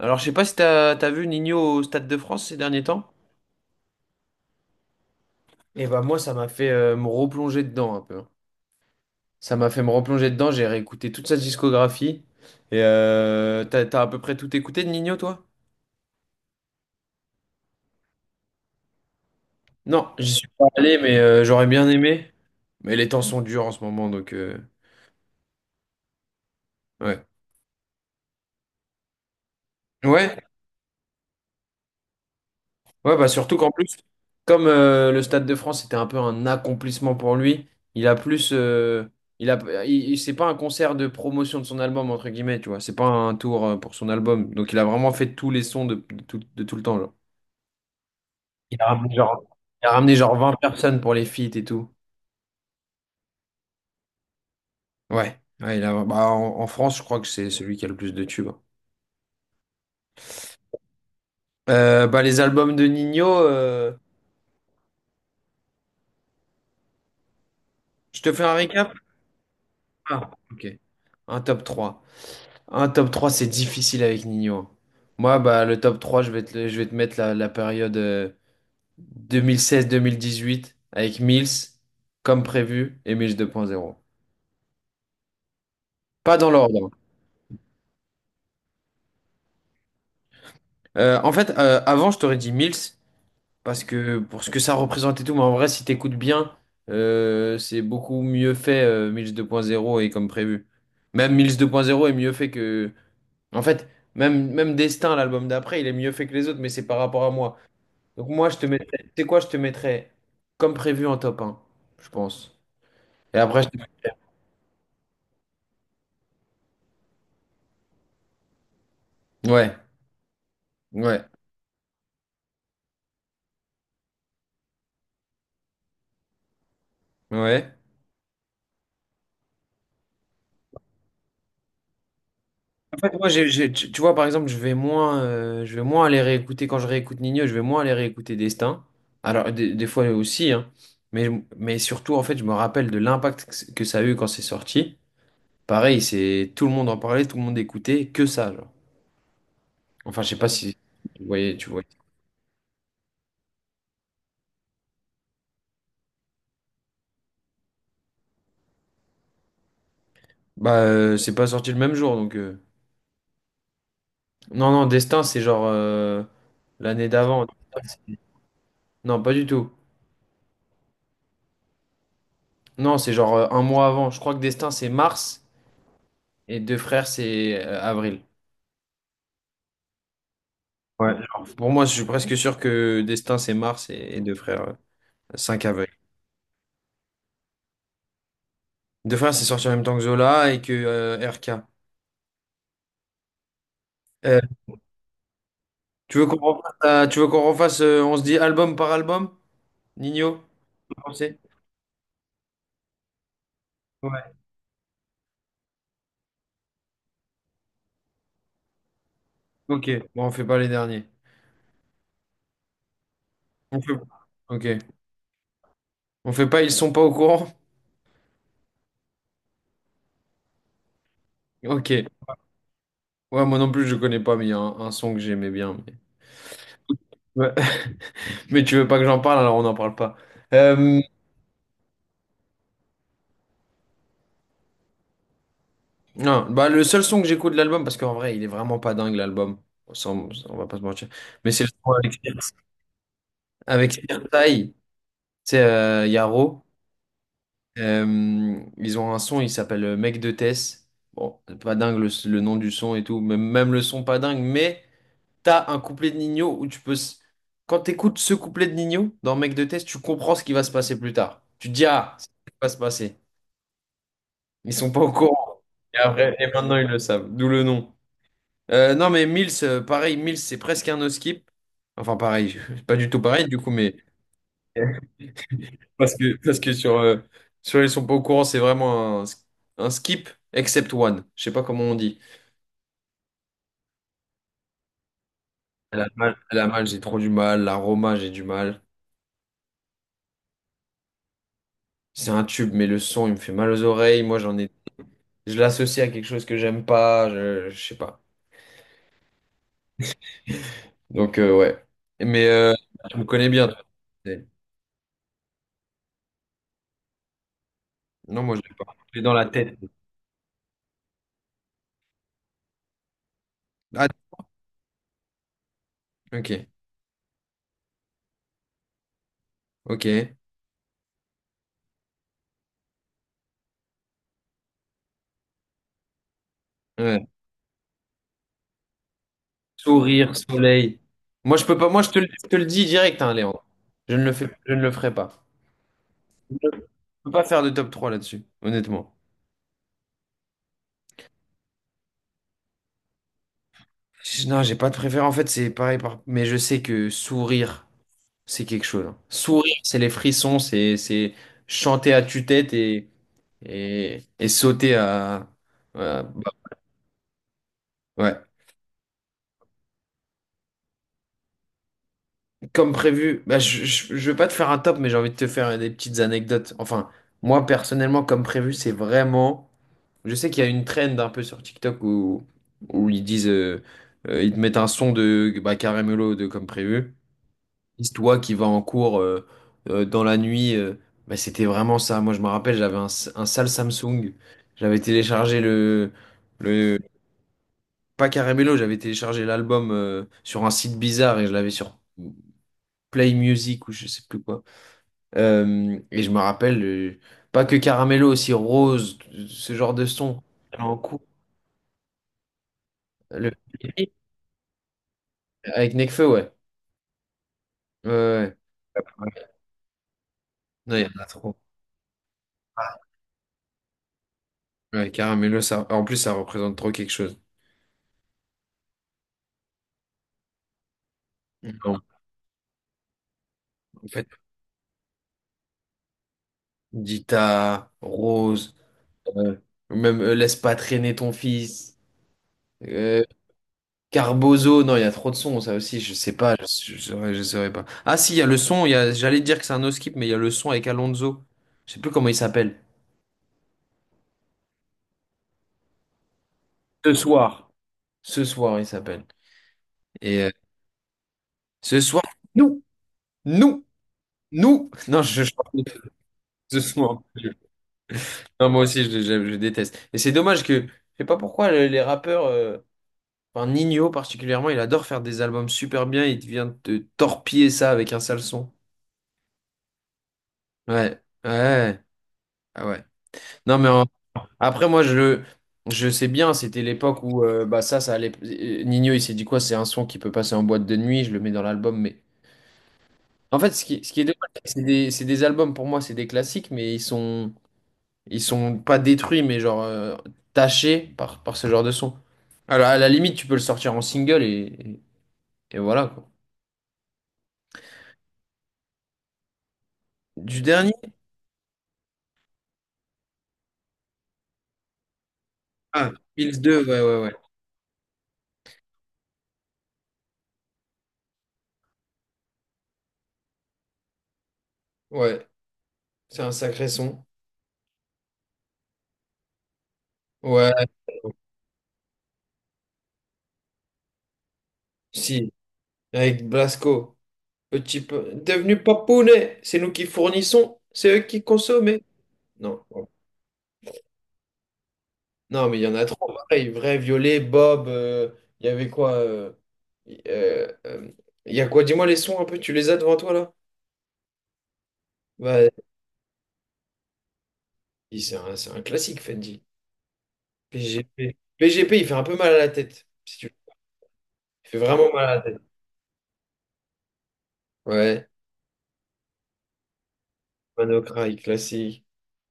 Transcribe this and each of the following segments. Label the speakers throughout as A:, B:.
A: Alors, je sais pas si t'as vu Nino au Stade de France ces derniers temps. Et bah moi, ça m'a fait me replonger dedans un peu, hein. Ça m'a fait me replonger dedans. J'ai réécouté toute sa discographie. Et t'as à peu près tout écouté de Nino, toi? Non, j'y suis pas allé, mais j'aurais bien aimé. Mais les temps sont durs en ce moment, donc ouais. Ouais, ouais, bah surtout qu'en plus, comme le Stade de France c'était un peu un accomplissement pour lui, il a plus. Il a, il- il- c'est pas un concert de promotion de son album, entre guillemets, tu vois. C'est pas un tour pour son album. Donc il a vraiment fait tous les sons de tout, de tout le temps, genre. Il a ramené genre, il a ramené genre 20 personnes pour les feats et tout. Ouais, ouais, bah, en France, je crois que c'est celui qui a le plus de tubes. Les albums de Nino, je te fais un récap? Ah, ok. Un top 3 Un top trois. C'est difficile avec Nino. Moi, bah, le top 3 je vais te mettre la période 2016-2018 avec Mills, comme prévu, et Mills 2.0. Pas dans l'ordre, hein. En fait, avant, je t'aurais dit Mills, parce que pour ce que ça représente et tout, mais en vrai, si t'écoutes bien, c'est beaucoup mieux fait, Mills 2.0 et comme prévu. Même Mills 2.0 est mieux fait que... En fait, même Destin, l'album d'après, il est mieux fait que les autres, mais c'est par rapport à moi. Donc moi, je te mettrais, tu sais quoi, je te mettrais comme prévu en top un, je pense. Et après, ouais, ouais, ouais. En fait, moi, tu vois, par exemple, je vais moins aller réécouter, quand je réécoute Nino, je vais moins aller réécouter Destin. Alors, des fois aussi, hein. Mais, mais surtout, en fait, je me rappelle de l'impact que ça a eu quand c'est sorti. Pareil, c'est tout le monde en parlait, tout le monde écoutait, que ça, genre. Enfin, je sais pas si tu voyais, tu vois. Bah, c'est pas sorti le même jour, donc... Non, non, Destin, c'est genre l'année d'avant. Non, pas du tout. Non, c'est genre un mois avant. Je crois que Destin, c'est mars et Deux Frères, c'est avril. Ouais. Genre, pour moi, je suis presque sûr que Destin, c'est mars et Deux Frères, 5 avril. Deux Frères, c'est sorti en même temps que Zola et que RK. Euh, tu veux qu'on refasse, On se dit album par album? Nino, vous pensez? Ouais. Ok, bon, on fait pas les derniers. On fait... Ok. On fait pas, ils sont pas au courant? Ok. Ouais, moi non plus, je connais pas, mais il y a un son que j'aimais bien. Mais... Ouais. Mais tu veux pas que j'en parle, alors on n'en parle pas. Euh, non, bah, le seul son que j'écoute de l'album, parce qu'en vrai, il est vraiment pas dingue, l'album. On va pas se mentir. Mais c'est le son avec Sirtai, tu sais, Yaro. Ils ont un son, il s'appelle Mec de Tess. Bon, c'est pas dingue le nom du son et tout. Même, même le son, pas dingue, mais. T'as un couplet de Nino où tu peux. Quand t'écoutes ce couplet de Nino dans Mec de Test, tu comprends ce qui va se passer plus tard. Tu te dis, ah, c'est ce qui va se passer. Ils sont pas au courant. Et maintenant, ils le savent. D'où le nom. Non, mais Mills, pareil, Mills, c'est presque un no-skip. Enfin, pareil, c'est pas du tout pareil, du coup, mais. Parce que sur Ils sont pas au courant, c'est vraiment un skip, except one. Je sais pas comment on dit. Elle a mal, j'ai trop du mal. La Roma, j'ai du mal. C'est un tube, mais le son, il me fait mal aux oreilles. Moi, j'en ai. Je l'associe à quelque chose que j'aime pas, je sais pas. Donc, ouais. Mais tu me connais bien, toi. C'est- Non, moi, je l'ai pas. Je l'ai dans la tête. Ah, ok, ok. Ouais. Sourire, soleil. Moi, je peux pas. Moi, je te le dis direct, hein, Léon. Je ne le fais, je ne le ferai pas. Je peux pas faire de top 3 là-dessus, honnêtement. Non, j'ai pas de préférence. En fait, c'est pareil. Mais je sais que sourire. C'est quelque chose, hein. Sourire, c'est les frissons, c'est chanter à tue-tête et sauter à... voilà, bah, ouais. Comme prévu, bah, je veux pas te faire un top, mais j'ai envie de te faire des petites anecdotes. Enfin, moi, personnellement, comme prévu, c'est vraiment... Je sais qu'il y a une trend un peu sur TikTok où ils disent... ils te mettent un son de bah, Carrémolo de comme prévu. Toi qui va en cours dans la nuit, bah, c'était vraiment ça. Moi, je me rappelle, j'avais un sale Samsung. J'avais téléchargé le, pas Caramello, j'avais téléchargé l'album sur un site bizarre et je l'avais sur Play Music ou je sais plus quoi. Et je me rappelle, pas que Caramello, aussi Rose, ce genre de son. J'allais en cours, le, avec Nekfeu, ouais. Ouais, ouais. Ouais. Non, il y en a trop. Ouais, Caramello, ça, en plus, ça représente trop quelque chose. Non. Dita, Rose, euh, même Laisse pas traîner ton fils, euh, Carbozo, non, il y a trop de sons, ça aussi, je sais pas, je saurais, pas. Ah si, il y a le son, j'allais dire que c'est un no skip, mais il y a le son avec Alonso, je sais plus comment il s'appelle. Ce soir. Ce soir, il s'appelle. Et ce soir, nous, nous, non, je chante ce soir. Non, moi aussi, je déteste. Et c'est dommage que, je sais pas pourquoi les rappeurs, enfin, Ninho particulièrement, il adore faire des albums super bien, il vient te torpiller ça avec un sale son. Ouais, ouais, ah ouais. Non mais après moi je sais bien, c'était l'époque où bah ça allait, Ninho il s'est dit quoi, c'est un son qui peut passer en boîte de nuit, je le mets dans l'album, mais en fait ce qui est dommage c'est que c'est des albums pour moi, c'est des classiques, mais ils sont pas détruits mais genre tachés par ce genre de son. Alors à la limite, tu peux le sortir en single et voilà quoi. Du dernier. Ah, Bills 2, ouais, ouais, ouais. Ouais, c'est un sacré son. Ouais, si, avec Blasco. Petit peu. Devenu papounet, c'est nous qui fournissons, c'est eux qui consomment. Non, ouais. Non, mais il y en a trop. Pareil, vrai, Violet, Bob, il y avait quoi euh, euh, euh, il y a quoi? Dis-moi les sons un peu, tu les as devant toi là? Bah, c'est un, classique, Fendi. PGP. PGP, il fait un peu mal à la tête, si tu veux. Il fait vraiment mal à la tête. Ouais, Manocry, classique.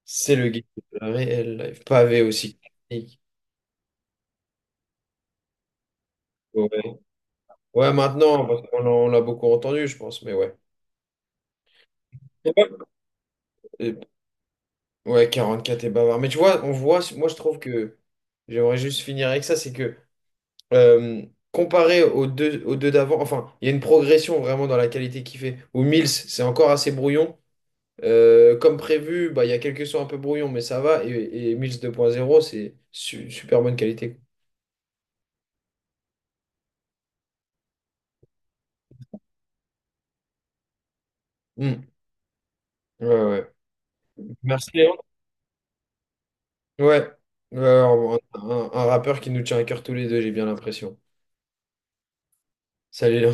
A: C'est le guide réel, live. Pavé aussi. Ouais, ouais, maintenant, parce qu'on l'a beaucoup entendu, je pense, mais ouais. Et bah- Et- ouais, 44 et bavard. Mais tu vois, on voit, moi je trouve que j'aimerais juste finir avec ça, c'est que euh, comparé aux deux d'avant, enfin, il y a une progression vraiment dans la qualité qu'il fait. Où Mills, c'est encore assez brouillon. Comme prévu, bah, il y a quelques sons un peu brouillon, mais ça va. Et Mills 2.0 c'est super bonne qualité. Hmm. Ouais, ouais. Merci. Ouais, ouais, un rappeur qui nous tient à cœur tous les deux, j'ai bien l'impression. Salut Léon.